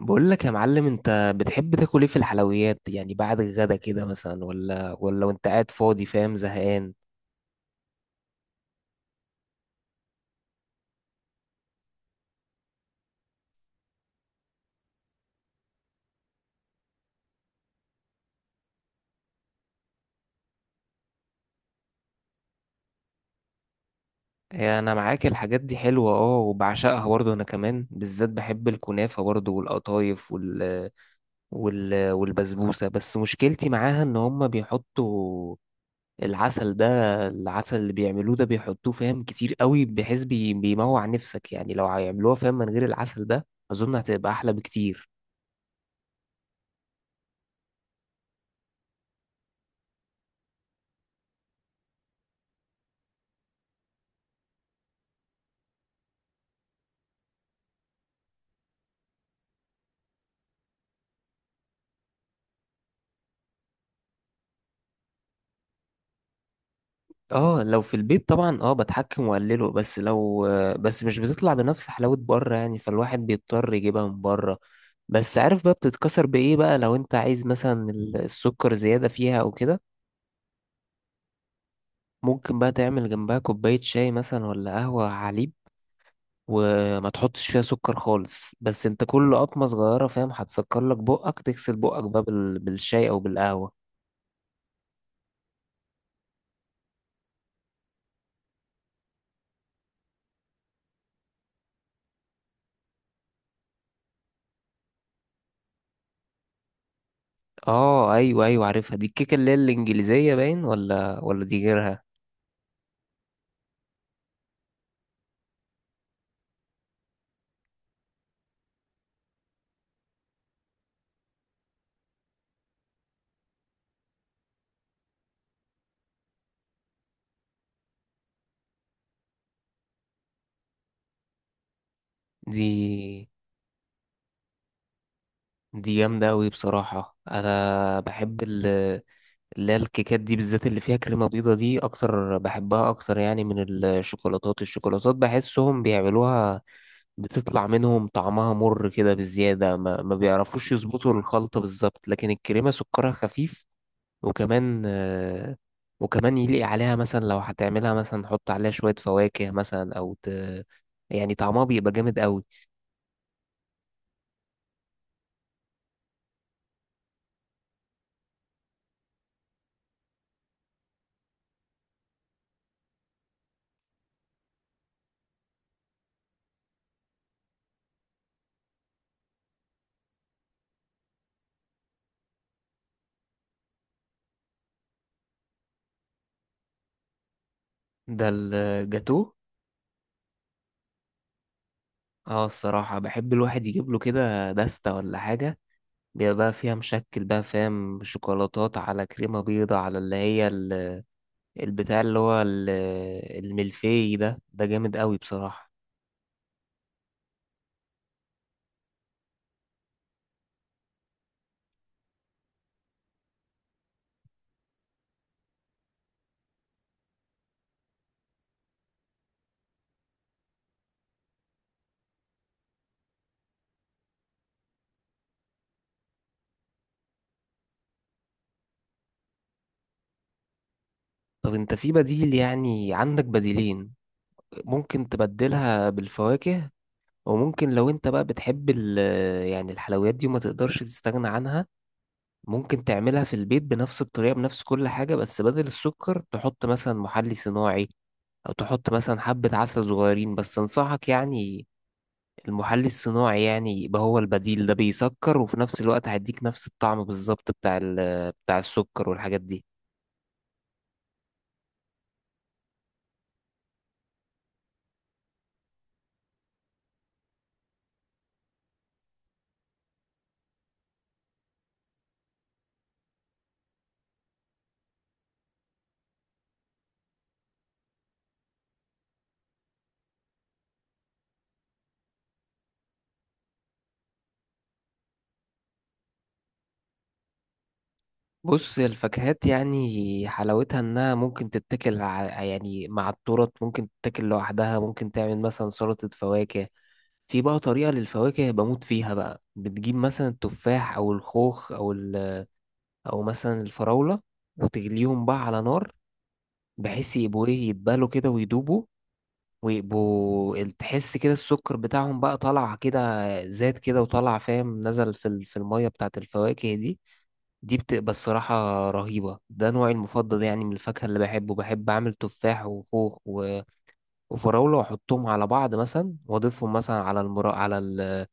بقول لك يا معلم، انت بتحب تاكل ايه في الحلويات؟ يعني بعد الغدا كده مثلا ولا وانت قاعد فاضي فاهم، زهقان. هي انا معاك، الحاجات دي حلوة اه وبعشقها برضه، انا كمان بالذات بحب الكنافة برضه والقطايف والبسبوسة. بس مشكلتي معاها ان هما بيحطوا العسل، العسل اللي بيعملوه ده بيحطوه فاهم كتير قوي، بحيث بيموع نفسك. يعني لو هيعملوها فاهم من غير العسل ده اظن هتبقى احلى بكتير. اه لو في البيت طبعا اه بتحكم واقلله، بس لو مش بتطلع بنفس حلاوة بره، يعني فالواحد بيضطر يجيبها من بره. بس عارف بقى بتتكسر بايه بقى لو انت عايز مثلا السكر زيادة فيها او كده؟ ممكن بقى تعمل جنبها كوباية شاي مثلا ولا قهوة على حليب، وما تحطش فيها سكر خالص. بس انت كل قطمة صغيرة فاهم هتسكر لك بقك، تغسل بقك بقى بالشاي او بالقهوة. اه ايوه ايوه عارفها دي، الكيكة اللي هي الانجليزية باين، ولا دي غيرها؟ دي دي جامدة أوي بصراحة. أنا بحب اللي هي الكيكات دي بالذات اللي فيها كريمة بيضة دي أكتر، بحبها أكتر يعني من الشوكولاتات. بحسهم بيعملوها بتطلع منهم طعمها مر كده بزيادة، ما بيعرفوش يظبطوا الخلطة بالظبط. لكن الكريمة سكرها خفيف، وكمان وكمان يليق عليها مثلا لو هتعملها مثلا حط عليها شوية فواكه مثلا يعني طعمها بيبقى جامد أوي. ده الجاتو. اه الصراحة بحب الواحد يجيب له كده دستة ولا حاجة، بيبقى بقى فيها مشكل بقى فاهم، شوكولاتات على كريمة بيضة على اللي هي البتاع اللي هو الملفي ده، ده جامد قوي بصراحة. طب انت في بديل، يعني عندك بديلين. ممكن تبدلها بالفواكه، وممكن لو انت بقى بتحب يعني الحلويات دي وما تقدرش تستغنى عنها، ممكن تعملها في البيت بنفس الطريقة بنفس كل حاجة، بس بدل السكر تحط مثلا محلي صناعي، او تحط مثلا حبة عسل صغيرين. بس انصحك يعني المحلي الصناعي، يعني يبقى هو البديل ده بيسكر وفي نفس الوقت هيديك نفس الطعم بالظبط بتاع بتاع السكر والحاجات دي. بص الفاكهات يعني حلاوتها انها ممكن تتاكل يعني مع التورت، ممكن تتاكل لوحدها، ممكن تعمل مثلا سلطة فواكه. في بقى طريقة للفواكه بموت فيها بقى، بتجيب مثلا التفاح او الخوخ او مثلا الفراولة، وتغليهم بقى على نار بحيث يبقوا ايه، يتبالوا كده ويدوبوا. ويبقوا تحس كده السكر بتاعهم بقى طالع كده، زاد كده وطالع فاهم، نزل في في المية بتاعت الفواكه دي. دي بتبقى الصراحة رهيبة. ده نوعي المفضل يعني من الفاكهة اللي بحبه، بحب أعمل تفاح وخوخ وفراولة وأحطهم على بعض مثلا، وأضيفهم مثلا على المرا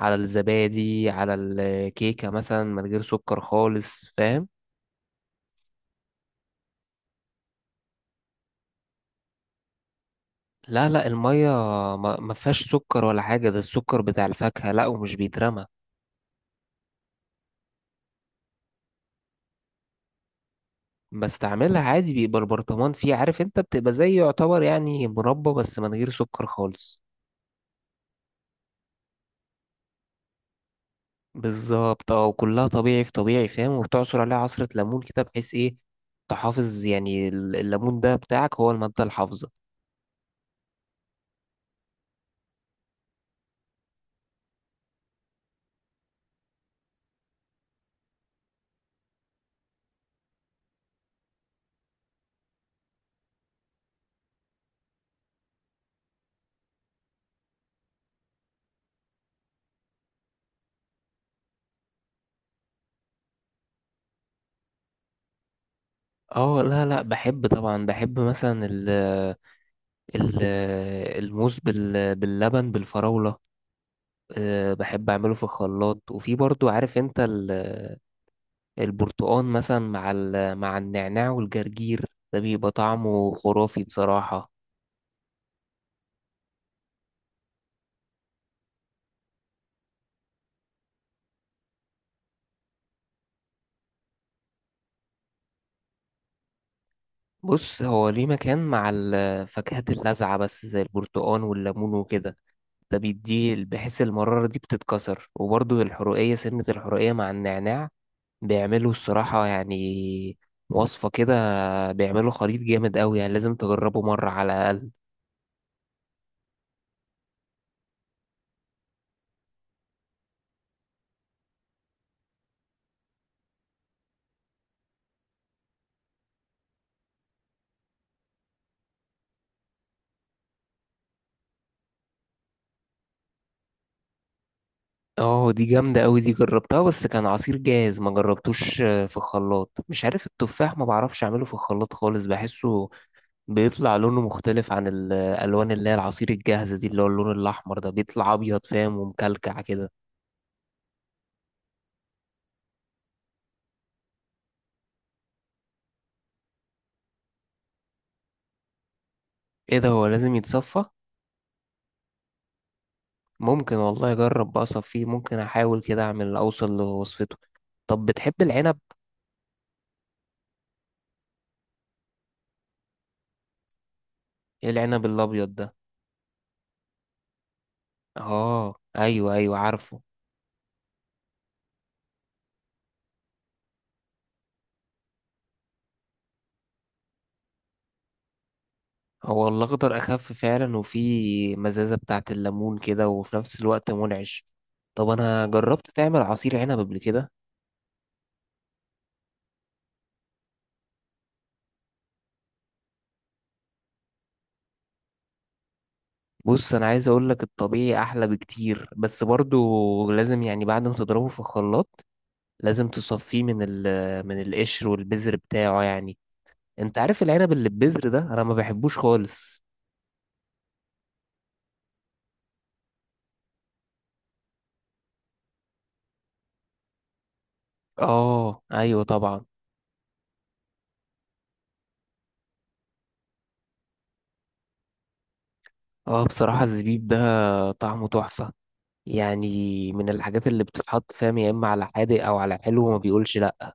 على الزبادي، على الكيكة مثلا من غير سكر خالص فاهم. لا لا المية ما فيهاش سكر ولا حاجة، ده السكر بتاع الفاكهة، لا ومش بيترمى. بستعملها عادي، بيبقى البرطمان فيه عارف انت، بتبقى زي يعتبر يعني مربى بس من غير سكر خالص. بالظبط اه، وكلها طبيعي في طبيعي فاهم، وبتعصر عليها عصرة ليمون كده بحيث ايه، تحافظ يعني الليمون ده بتاعك هو المادة الحافظة. اه لا لا بحب طبعا، بحب مثلا ال ال الموز باللبن بالفراولة. بحب اعمله في الخلاط، وفي برضو عارف انت البرتقان مثلا مع مع النعناع والجرجير، ده بيبقى طعمه خرافي بصراحة. بص هو ليه مكان مع الفاكهات اللاذعة بس زي البرتقان والليمون وكده، ده بيديه بحيث المرارة دي بتتكسر، وبرضه الحرقية سنة الحرقية مع النعناع، بيعملوا الصراحة يعني وصفة كده، بيعملوا خليط جامد قوي، يعني لازم تجربه مرة على الأقل. اه دي جامدة قوي، دي جربتها بس كان عصير جاهز، ما جربتوش في الخلاط. مش عارف التفاح ما بعرفش اعمله في الخلاط خالص، بحسه بيطلع لونه مختلف عن الالوان اللي هي العصير الجاهزة دي، اللي هو اللون الاحمر ده بيطلع ابيض فاهم ومكلكع كده. ايه ده، هو لازم يتصفى؟ ممكن والله اجرب بقى اصفيه، ممكن احاول كده اعمل اوصل لوصفته. طب بتحب العنب؟ ايه العنب الابيض ده؟ اه ايوه ايوه عارفه. هو الأخضر أخف فعلا، وفي مزازة بتاعة الليمون كده، وفي نفس الوقت منعش. طب أنا جربت تعمل عصير عنب قبل كده؟ بص أنا عايز أقولك الطبيعي أحلى بكتير، بس برضو لازم يعني بعد ما تضربه في الخلاط لازم تصفيه من القشر والبذر بتاعه يعني. أنت عارف العنب اللي ببذر ده أنا ما بحبوش خالص. آه أيوة طبعا. آه بصراحة الزبيب ده طعمه تحفة، يعني من الحاجات اللي بتتحط فاهم يا إما على حادق أو على حلو، وما بيقولش لأ.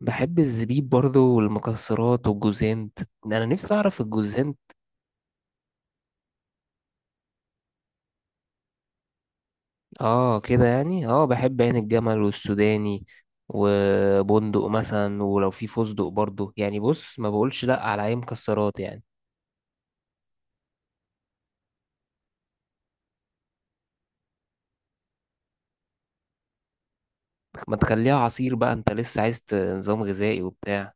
بحب الزبيب برضو والمكسرات والجوزانت، انا نفسي اعرف الجوزانت. اه كده يعني، اه بحب عين الجمل والسوداني وبندق مثلا، ولو في فستق برضو يعني بص ما بقولش لا على اي مكسرات يعني. ما تخليها عصير بقى، انت لسه عايز نظام غذائي وبتاع.